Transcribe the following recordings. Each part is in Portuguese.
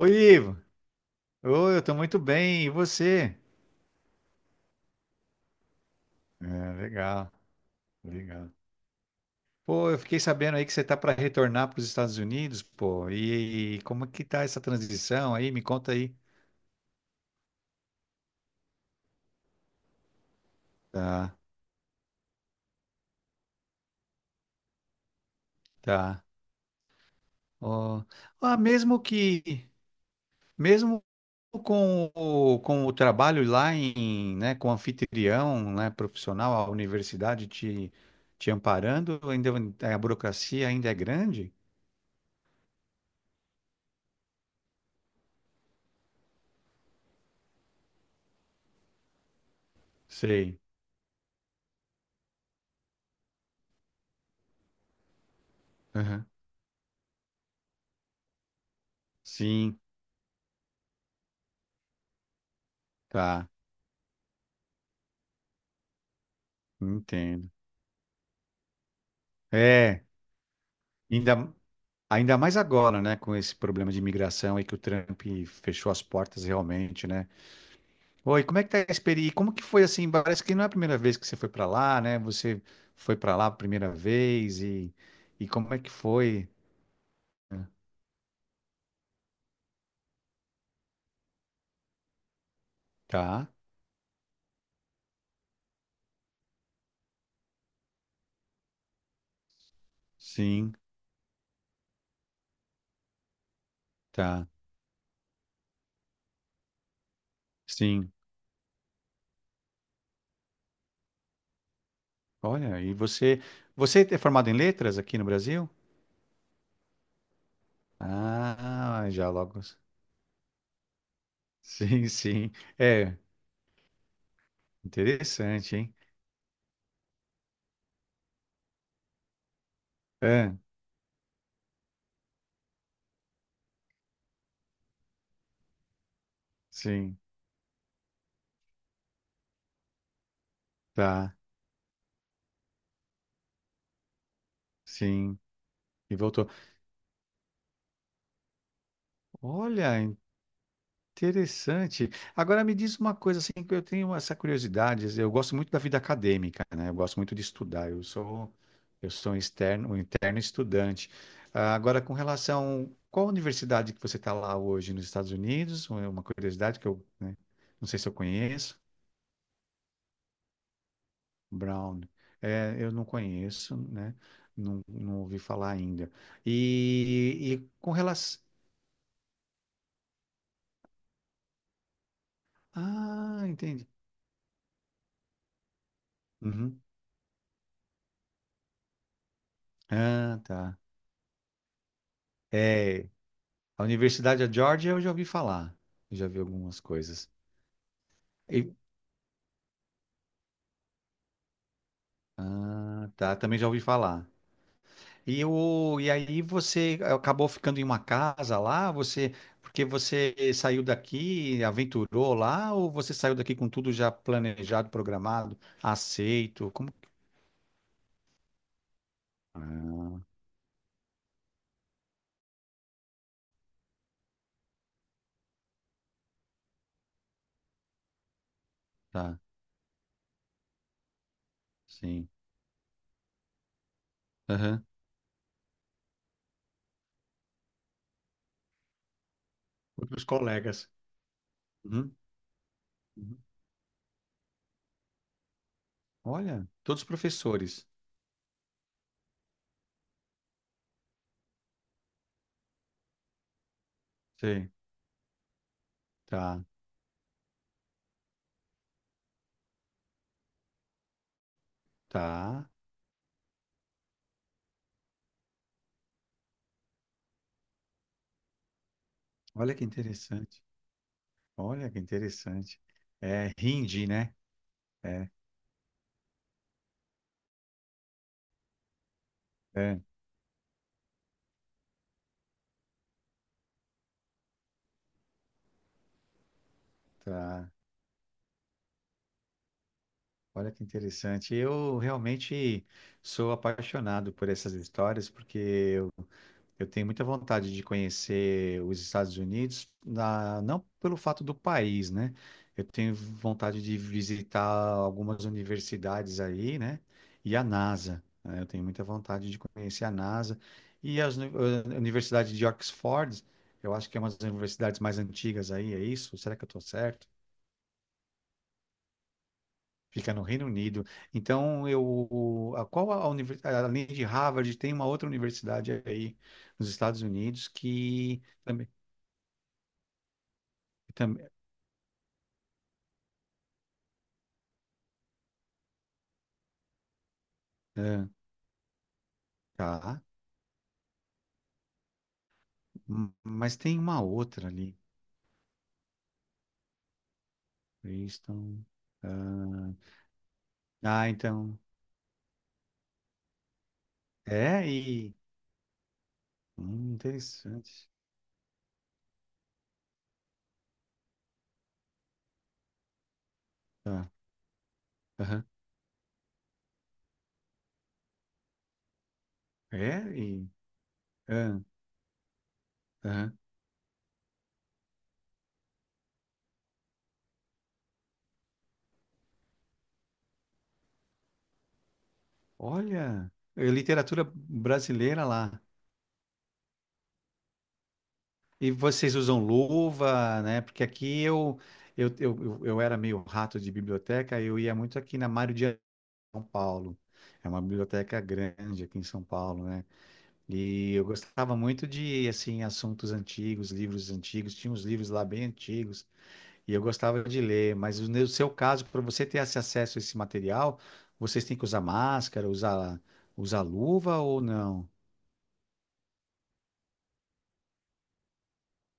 Oi, Ivo. Oi, eu tô muito bem. E você? Ah, legal, legal. Pô, eu fiquei sabendo aí que você tá para retornar para os Estados Unidos, pô. E como é que tá essa transição aí? Me conta aí. Tá, tá. Ó, Ah, mesmo com o trabalho lá em, né, com o anfitrião, né, profissional, a universidade te, te amparando, ainda a burocracia ainda é grande? Sei. Aham. Sim, tá. Entendo. É, ainda, ainda mais agora, né, com esse problema de imigração aí que o Trump fechou as portas realmente, né? Oi, como é que tá a experiência? Como que foi assim? Parece que não é a primeira vez que você foi para lá, né? Você foi para lá a primeira vez e como é que foi? Tá, sim, tá, sim. Olha, e você, você é formado em letras aqui no Brasil? Ah, já logo. Sim, sim. É, interessante, hein? É, sim, tá, sim. E voltou. Olha, interessante. Agora me diz uma coisa assim que eu tenho essa curiosidade. Assim, eu gosto muito da vida acadêmica, né? Eu gosto muito de estudar. Eu sou um externo, um interno estudante. Ah, agora com relação qual universidade que você está lá hoje nos Estados Unidos? É uma curiosidade que eu, né, não sei se eu conheço. Brown. É, eu não conheço, né? Não, não ouvi falar ainda. E com relação. Ah, entendi. Uhum. Ah, tá. É, a Universidade da Georgia eu já ouvi falar. Eu já vi algumas coisas. E- ah, tá, também já ouvi falar. E, o, e aí você acabou ficando em uma casa lá, você, porque você saiu daqui, aventurou lá, ou você saiu daqui com tudo já planejado, programado, aceito? Como? Ah, tá, sim. Aham. Outros colegas. Uhum, uhum. Olha, todos professores. Sim, tá, tá. Olha que interessante. Olha que interessante. É hindi, né? É, é, tá. Olha que interessante. Eu realmente sou apaixonado por essas histórias, porque eu tenho muita vontade de conhecer os Estados Unidos, na- não pelo fato do país, né? Eu tenho vontade de visitar algumas universidades aí, né? E a NASA, né? Eu tenho muita vontade de conhecer a NASA. E as, uni- a Universidade de Oxford, eu acho que é uma das universidades mais antigas aí, é isso? Será que eu estou certo? Fica no Reino Unido. Então, eu, a, qual a universidade, além de Harvard, tem uma outra universidade aí nos Estados Unidos que também. E também, ah, tá. Mas tem uma outra ali. Princeton. Ah, ah, então. É, e. Interessante. Tá. Aham. É, e. Ah, aham. Olha, é literatura brasileira lá. E vocês usam luva, né? Porque aqui eu, eu era meio rato de biblioteca, eu ia muito aqui na Mário de São Paulo. É uma biblioteca grande aqui em São Paulo, né? E eu gostava muito de, assim, assuntos antigos, livros antigos. Tinha uns livros lá bem antigos e eu gostava de ler. Mas no seu caso, para você ter esse acesso a esse material, vocês têm que usar máscara, usar, usar luva ou não?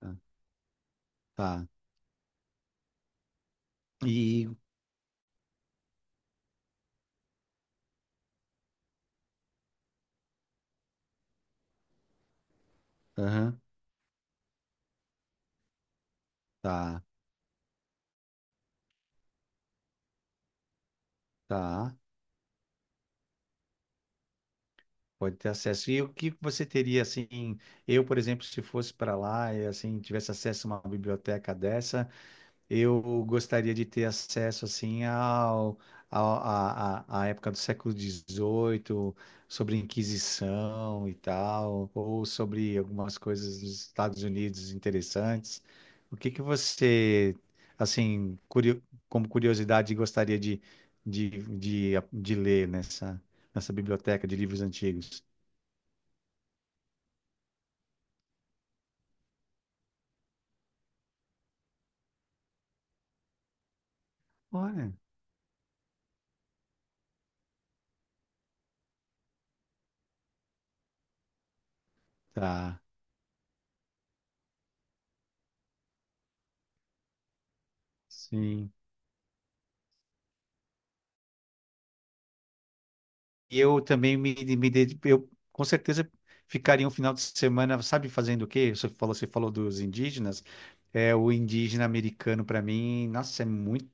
Tá. Tá. E, aham, tá, tá. Pode ter acesso. E o que você teria, assim, eu, por exemplo, se fosse para lá e, assim, tivesse acesso a uma biblioteca dessa, eu gostaria de ter acesso assim ao, ao- à, à- à época do século XVIII, sobre a Inquisição e tal, ou sobre algumas coisas dos Estados Unidos interessantes. O que que você, assim, curio- como curiosidade, gostaria de, de ler nessa, nessa biblioteca de livros antigos? Olha, tá, sim. E eu também me ded- eu com certeza ficaria um final de semana, sabe, fazendo o quê? Você falou dos indígenas, é o indígena americano para mim, nossa, é muito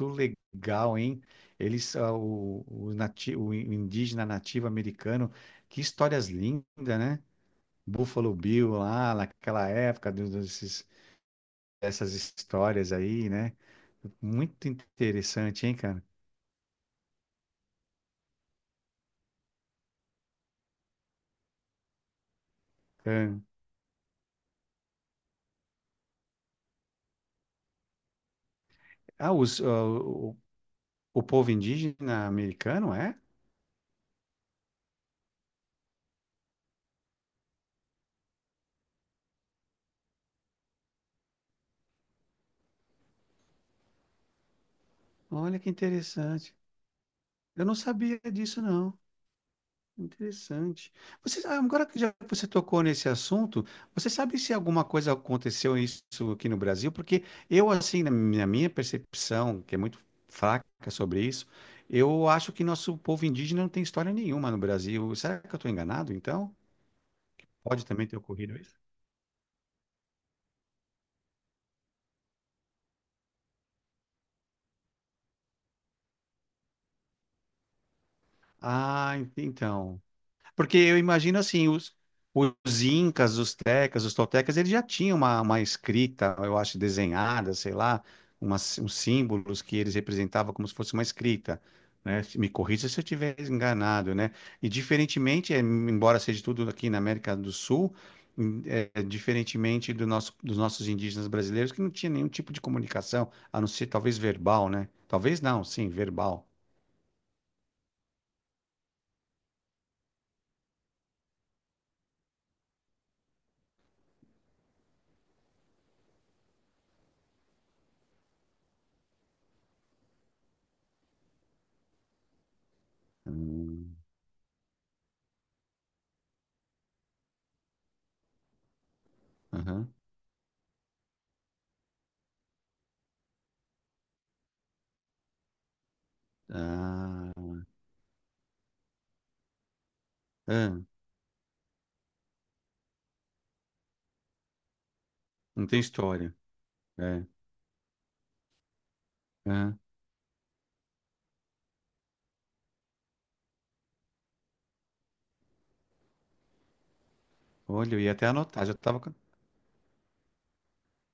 legal, hein? Eles, ah, o, nati, o indígena nativo americano, que histórias lindas, né? Buffalo Bill lá, naquela época, do- desses, dessas histórias aí, né? Muito interessante, hein, cara? É. Ah, os, ah, o povo indígena americano é? Olha que interessante. Eu não sabia disso, não. Interessante. Você, ah, agora que já você tocou nesse assunto, você sabe se alguma coisa aconteceu isso aqui no Brasil? Porque eu, assim, na minha percepção, que é muito fraca sobre isso, eu acho que nosso povo indígena não tem história nenhuma no Brasil. Será que eu estou enganado, então? Pode também ter ocorrido isso? Ah, ent- então. Porque eu imagino assim, os incas, os tecas, os toltecas, eles já tinham uma escrita, eu acho, desenhada, sei lá, umas, uns símbolos que eles representavam como se fosse uma escrita, né? Me corrija se eu estiver enganado, né? E diferentemente, eh, embora seja tudo aqui na América do Sul, em- eh, diferentemente do nosso, dos nossos indígenas brasileiros, que não tinha nenhum tipo de comunicação, a não ser talvez verbal, né? Talvez não, sim, verbal. Hum, aham. Ah, ahn. Não tem história. É. É. Olha, eu ia até anotar, já tava. Com-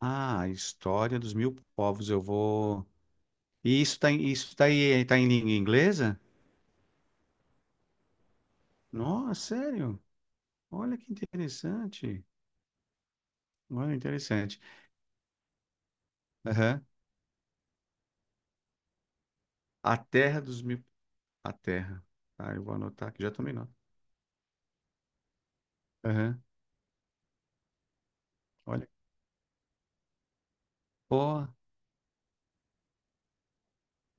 Ah, a história dos mil povos, eu vou. E isso tá, em- isso tá, aí, tá em língua inglesa? Nossa, sério? Olha que interessante. Olha, interessante. Aham. A terra dos mil. A terra. Ah, eu vou anotar aqui, já tomei nota. Aham. Olha. Pô,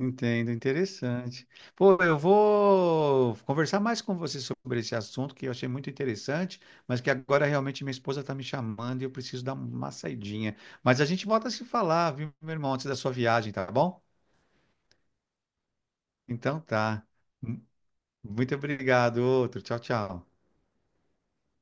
entendo, interessante. Pô, eu vou conversar mais com você sobre esse assunto que eu achei muito interessante, mas que agora realmente minha esposa está me chamando e eu preciso dar uma saidinha. Mas a gente volta a se falar, viu, meu irmão, antes da sua viagem, tá bom? Então tá. Muito obrigado, outro. Tchau, tchau.